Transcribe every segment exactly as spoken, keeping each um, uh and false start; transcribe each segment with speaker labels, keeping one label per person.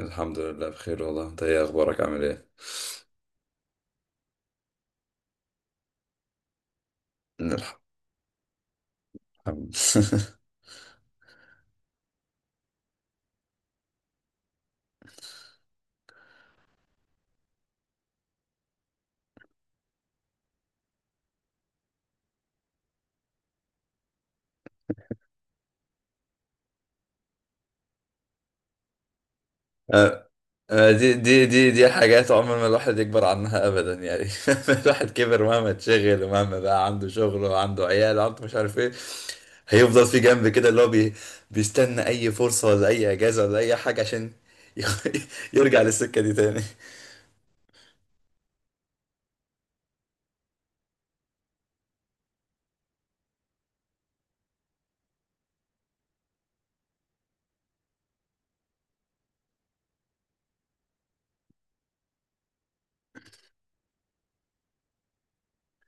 Speaker 1: الحمد لله بخير والله. انت ايه اخبارك؟ عامل ايه؟ الحمد آه، آه، دي دي دي دي حاجات عمر ما الواحد يكبر عنها ابدا يعني. الواحد كبر مهما اتشغل ومهما بقى عنده شغل وعنده عيال وعنده مش عارف ايه. هيفضل في جنب كده اللي هو بي بيستنى اي فرصة ولا اي اجازة ولا اي حاجة عشان ي- يرجع للسكة دي تاني.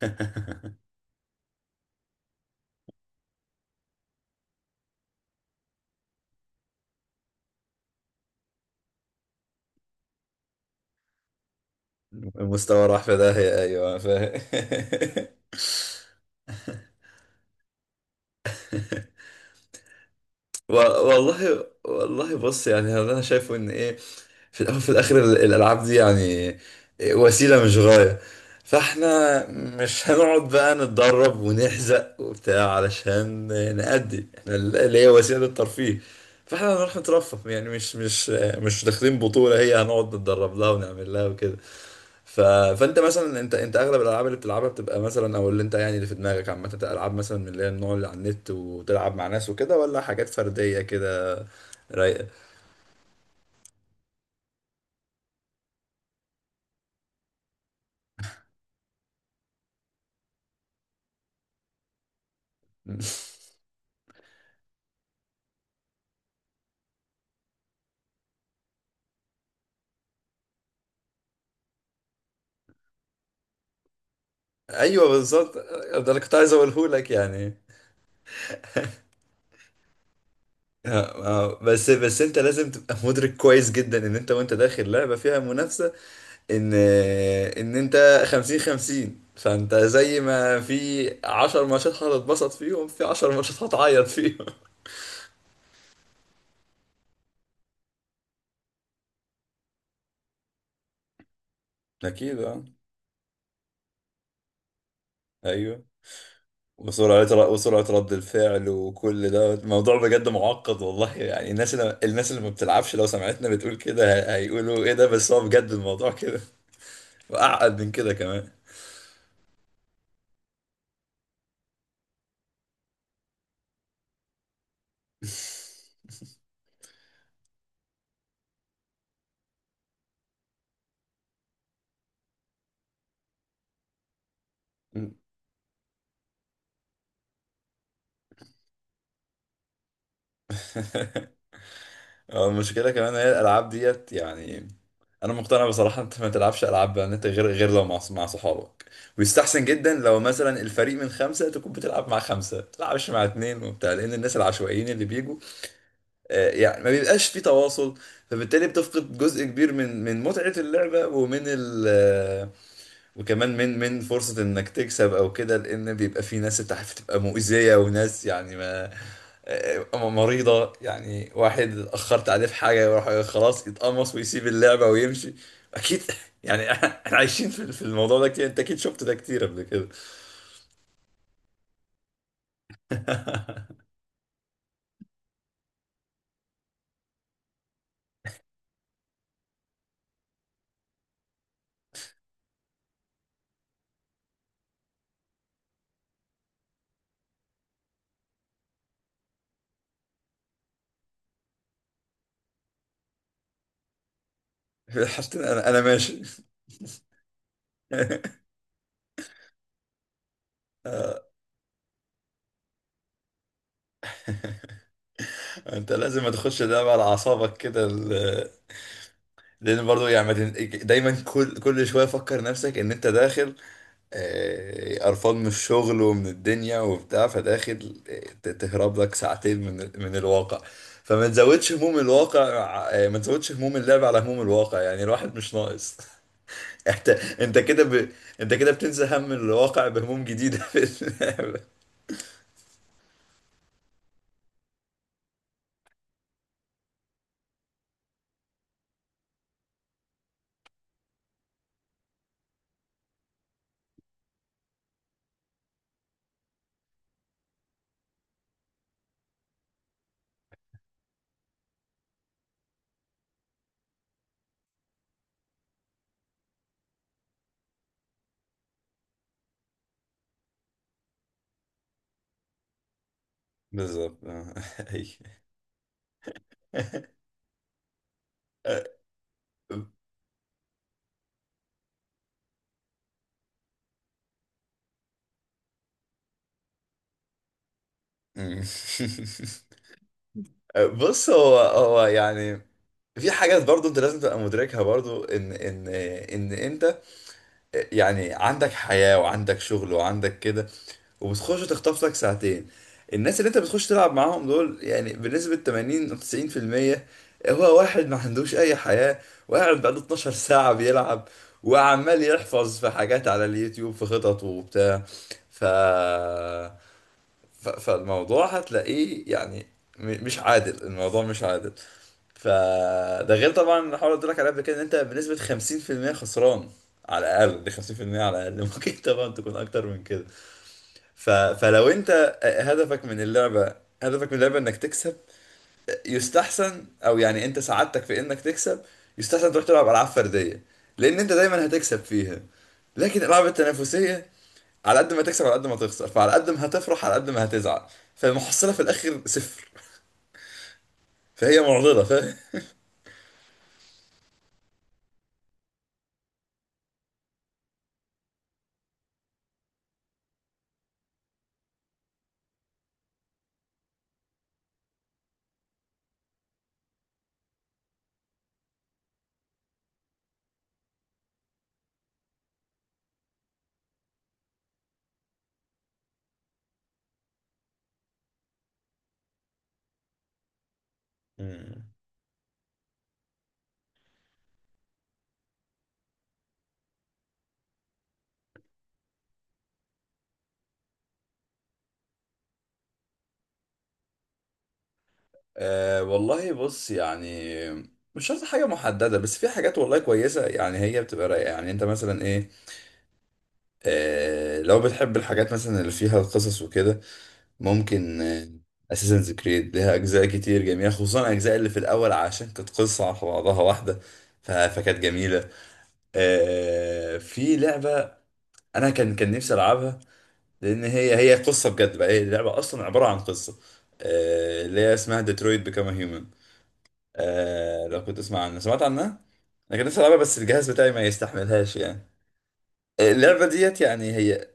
Speaker 1: المستوى راح في داهية، ايوه فاهم. و- والله والله، بص يعني هذا انا شايفه ان ايه. في الاول وفي الاخر ال- الالعاب دي يعني وسيله مش غايه، فاحنا مش هنقعد بقى نتدرب ونحزق وبتاع علشان نأدي احنا اللي هي وسيله الترفيه. فاحنا هنروح نترفه، يعني مش مش مش داخلين بطولة هي هنقعد نتدرب لها ونعمل لها وكده. ف... فانت مثلا انت انت اغلب الالعاب اللي بتلعبها بتبقى مثلا، او اللي انت يعني اللي في دماغك عامة، انت العاب مثلا من اللي هي النوع اللي على النت وتلعب مع ناس وكده، ولا حاجات فردية كده رايقة؟ ايوه بالظبط، ده اللي كنت عايز اقوله لك يعني. آه، آه، بس بس انت لازم تبقى مدرك كويس جدا ان انت وانت داخل لعبة فيها منافسة، ان ان انت خمسين خمسين. فانت زي ما في عشر ماتشات هتتبسط فيهم، في عشر ماتشات هتعيط فيهم. اكيد اه. ايوه وسرعة ر- وسرعة رد الفعل وكل ده، الموضوع بجد معقد والله، يعني الناس اللي الناس اللي ما بتلعبش لو سمعتنا بتقول كده هي- هيقولوا ايه ده، بس هو بجد الموضوع كده وأعقد من كده كمان. اه، المشكلة كمان هي الألعاب ديت، يعني أنا مقتنع بصراحة أنت ما تلعبش ألعاب بأن أنت غير غير لو مع مع صحابك. ويستحسن جدا لو مثلا الفريق من خمسة تكون بتلعب مع خمسة، ما تلعبش مع اتنين وبتاع، لأن الناس العشوائيين اللي بيجوا آه، يعني ما بيبقاش في تواصل. فبالتالي بتفقد جزء كبير من من متعة اللعبة ومن ال آه، وكمان من من فرصة انك تكسب او كده، لان بيبقى في ناس انت عارف تبقى مؤذية وناس يعني ما آه، مريضة، يعني واحد اتأخرت عليه في حاجة يروح خلاص يتقمص ويسيب اللعبة ويمشي. اكيد. يعني احنا عايشين في في الموضوع ده كتير، انت اكيد شفت ده كتير قبل كده. حسيت إن انا انا ماشي. انت لازم ما تخش اللعبة على اعصابك كده، ال- لان برضو يعني ما تن- دايما كل كل شويه فكر نفسك ان انت داخل آه، قرفان من الشغل ومن الدنيا وبتاع، فداخل آه، ت- تهرب لك ساعتين من من الواقع. فما تزودش هموم الواقع، آه، ما تزودش هموم اللعب على هموم الواقع، يعني الواحد مش ناقص. انت انت كده ب... انت كده بتنسى هم الواقع بهموم جديدة في اللعبة. بالظبط. آه، أي. أمم. بص هو هو يعني في حاجات برضو انت لازم تبقى مدركها، برضو ان ان ان انت يعني عندك حياة وعندك شغل وعندك كده، وبتخش تخطف لك ساعتين. الناس اللي انت بتخش تلعب معاهم دول يعني بنسبة ثمانين او تسعين بالمية، هو واحد ما عندوش اي حياة وقاعد بقاله اتناشر ساعة بيلعب، وعمال يحفظ في حاجات على اليوتيوب في خطط وبتاع. ف... ف... فالموضوع هتلاقيه يعني م- مش عادل، الموضوع مش عادل. فده غير طبعا الحوار اللي قلت لك عليه قبل كده، ان انت بنسبة خمسين في المية خسران على الاقل. دي خمسين بالمية على الاقل. ممكن طبعا تكون اكتر من كده. ف... فلو انت هدفك من اللعبة هدفك من اللعبة انك تكسب، يستحسن، او يعني انت سعادتك في انك تكسب، يستحسن تروح تلعب العاب فردية لان انت دايما هتكسب فيها. لكن الالعاب التنافسية، على قد ما تكسب على قد ما تخسر، فعلى قد ما هتفرح على قد ما هتزعل، فالمحصلة في الاخر صفر، فهي معضلة. فاهم؟ أه والله بص يعني مش شرط حاجة محددة، بس في حاجات والله كويسة، يعني هي بتبقى رايقة، يعني انت مثلا ايه. أه لو بتحب الحاجات مثلا اللي فيها القصص وكده، ممكن اساسنز كريد ليها اجزاء كتير جميلة، خصوصا الاجزاء اللي في الاول عشان كانت قصة على بعضها واحدة ف- فكانت جميلة. أه في لعبة انا كان كان نفسي العبها لان هي هي قصة بجد بقى، هي اللعبة اصلا عبارة عن قصة، أه اللي هي اسمها ديترويت بيكام هيومن. آه لو كنت تسمع عنها، سمعت عنها. انا كان نفسي العبها بس الجهاز بتاعي ما يستحملهاش يعني. آه، اللعبه ديت يعني هي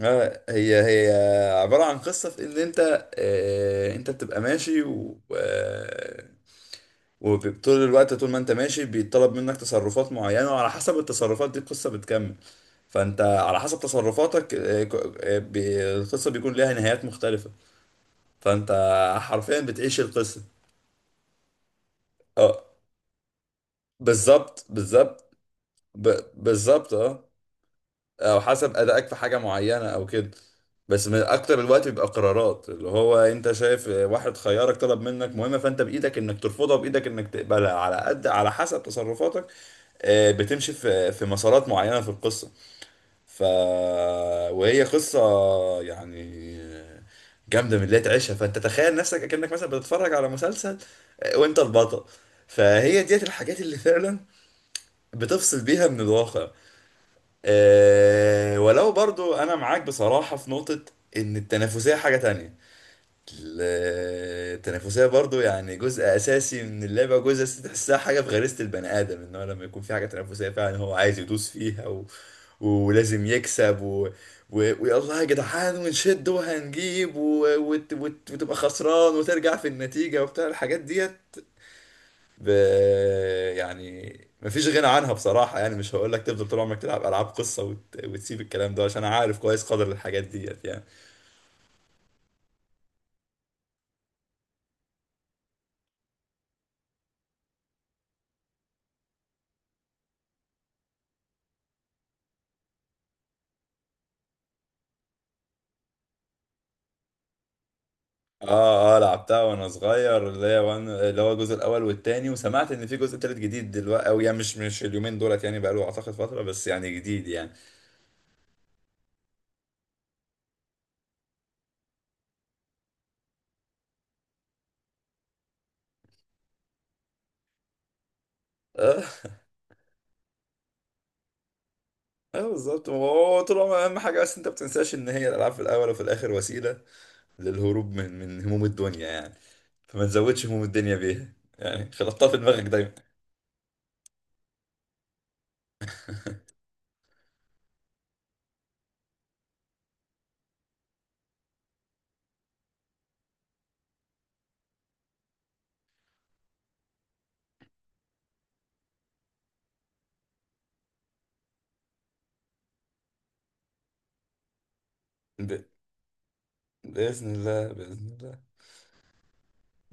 Speaker 1: آه، هي هي عباره عن قصه في ان انت آه، انت بتبقى ماشي، و آه، وطول الوقت طول ما انت ماشي بيطلب منك تصرفات معينة، وعلى حسب التصرفات دي القصة بتكمل، فانت على حسب تصرفاتك آه، ك- آه، بي- القصة بيكون لها نهايات مختلفة، فانت حرفيا بتعيش القصة. اه، بالظبط بالظبط. ب... بالظبط اه. او حسب ادائك في حاجه معينه او كده، بس من اكتر الوقت بيبقى قرارات اللي هو انت شايف واحد خيارك طلب منك مهمه، فانت بايدك انك ترفضها بايدك انك تقبلها، على قد على حسب تصرفاتك آه، بتمشي في في مسارات معينه في القصه. ف وهي قصه يعني جامده من اللي هي تعيشها، فانت تخيل نفسك اكنك مثلا بتتفرج على مسلسل آه، وانت البطل، فهي ديت الحاجات اللي فعلا بتفصل بيها من الواقع. أه ولو برضو انا معاك بصراحة في نقطة، ان التنافسية حاجة تانية. ال- التنافسية برضو يعني جزء اساسي من اللعبة، جزء اساسي تحسها حاجة في غريزة البني ادم ان هو لما يكون في حاجة تنافسية فعلا هو عايز يدوس فيها و... ولازم يكسب و... و... ويلا يا جدعان ونشد وهنجيب و... وت... وت... وتبقى خسران وترجع في النتيجة وبتاع الحاجات ديت. ب... يعني مفيش غنى عنها بصراحة، يعني مش هقول لك تفضل طول عمرك تلعب ألعاب قصة وت... وتسيب الكلام ده، عشان أنا عارف كويس قدر الحاجات ديت يعني. اه اه، لعبتها وانا صغير اللي هي وان... اللي هو الجزء الاول والتاني، وسمعت ان في جزء تالت جديد دلوقتي، او يعني مش مش اليومين دولت يعني بقاله اعتقد فترة بس يعني جديد يعني. اه, آه بالظبط. هو طول عمرك اهم حاجة، بس انت ما بتنساش ان هي الالعاب في الاول وفي الاخر وسيلة للهروب من من هموم الدنيا، يعني فما تزودش هموم الدنيا بيها، يعني خلطها في دماغك دايما. بإذن الله، بإذن الله،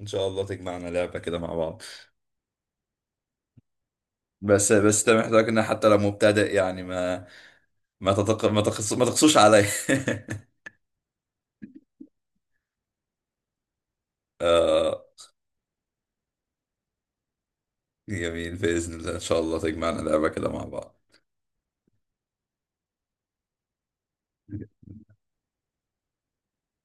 Speaker 1: إن شاء الله تجمعنا لعبة كده مع بعض. بس بس ده محتاج إن حتى لو مبتدئ يعني ما ما تتق... ما تقص... ما تقصوش عليا. آه جميل، بإذن الله إن شاء الله تجمعنا لعبة كده مع بعض.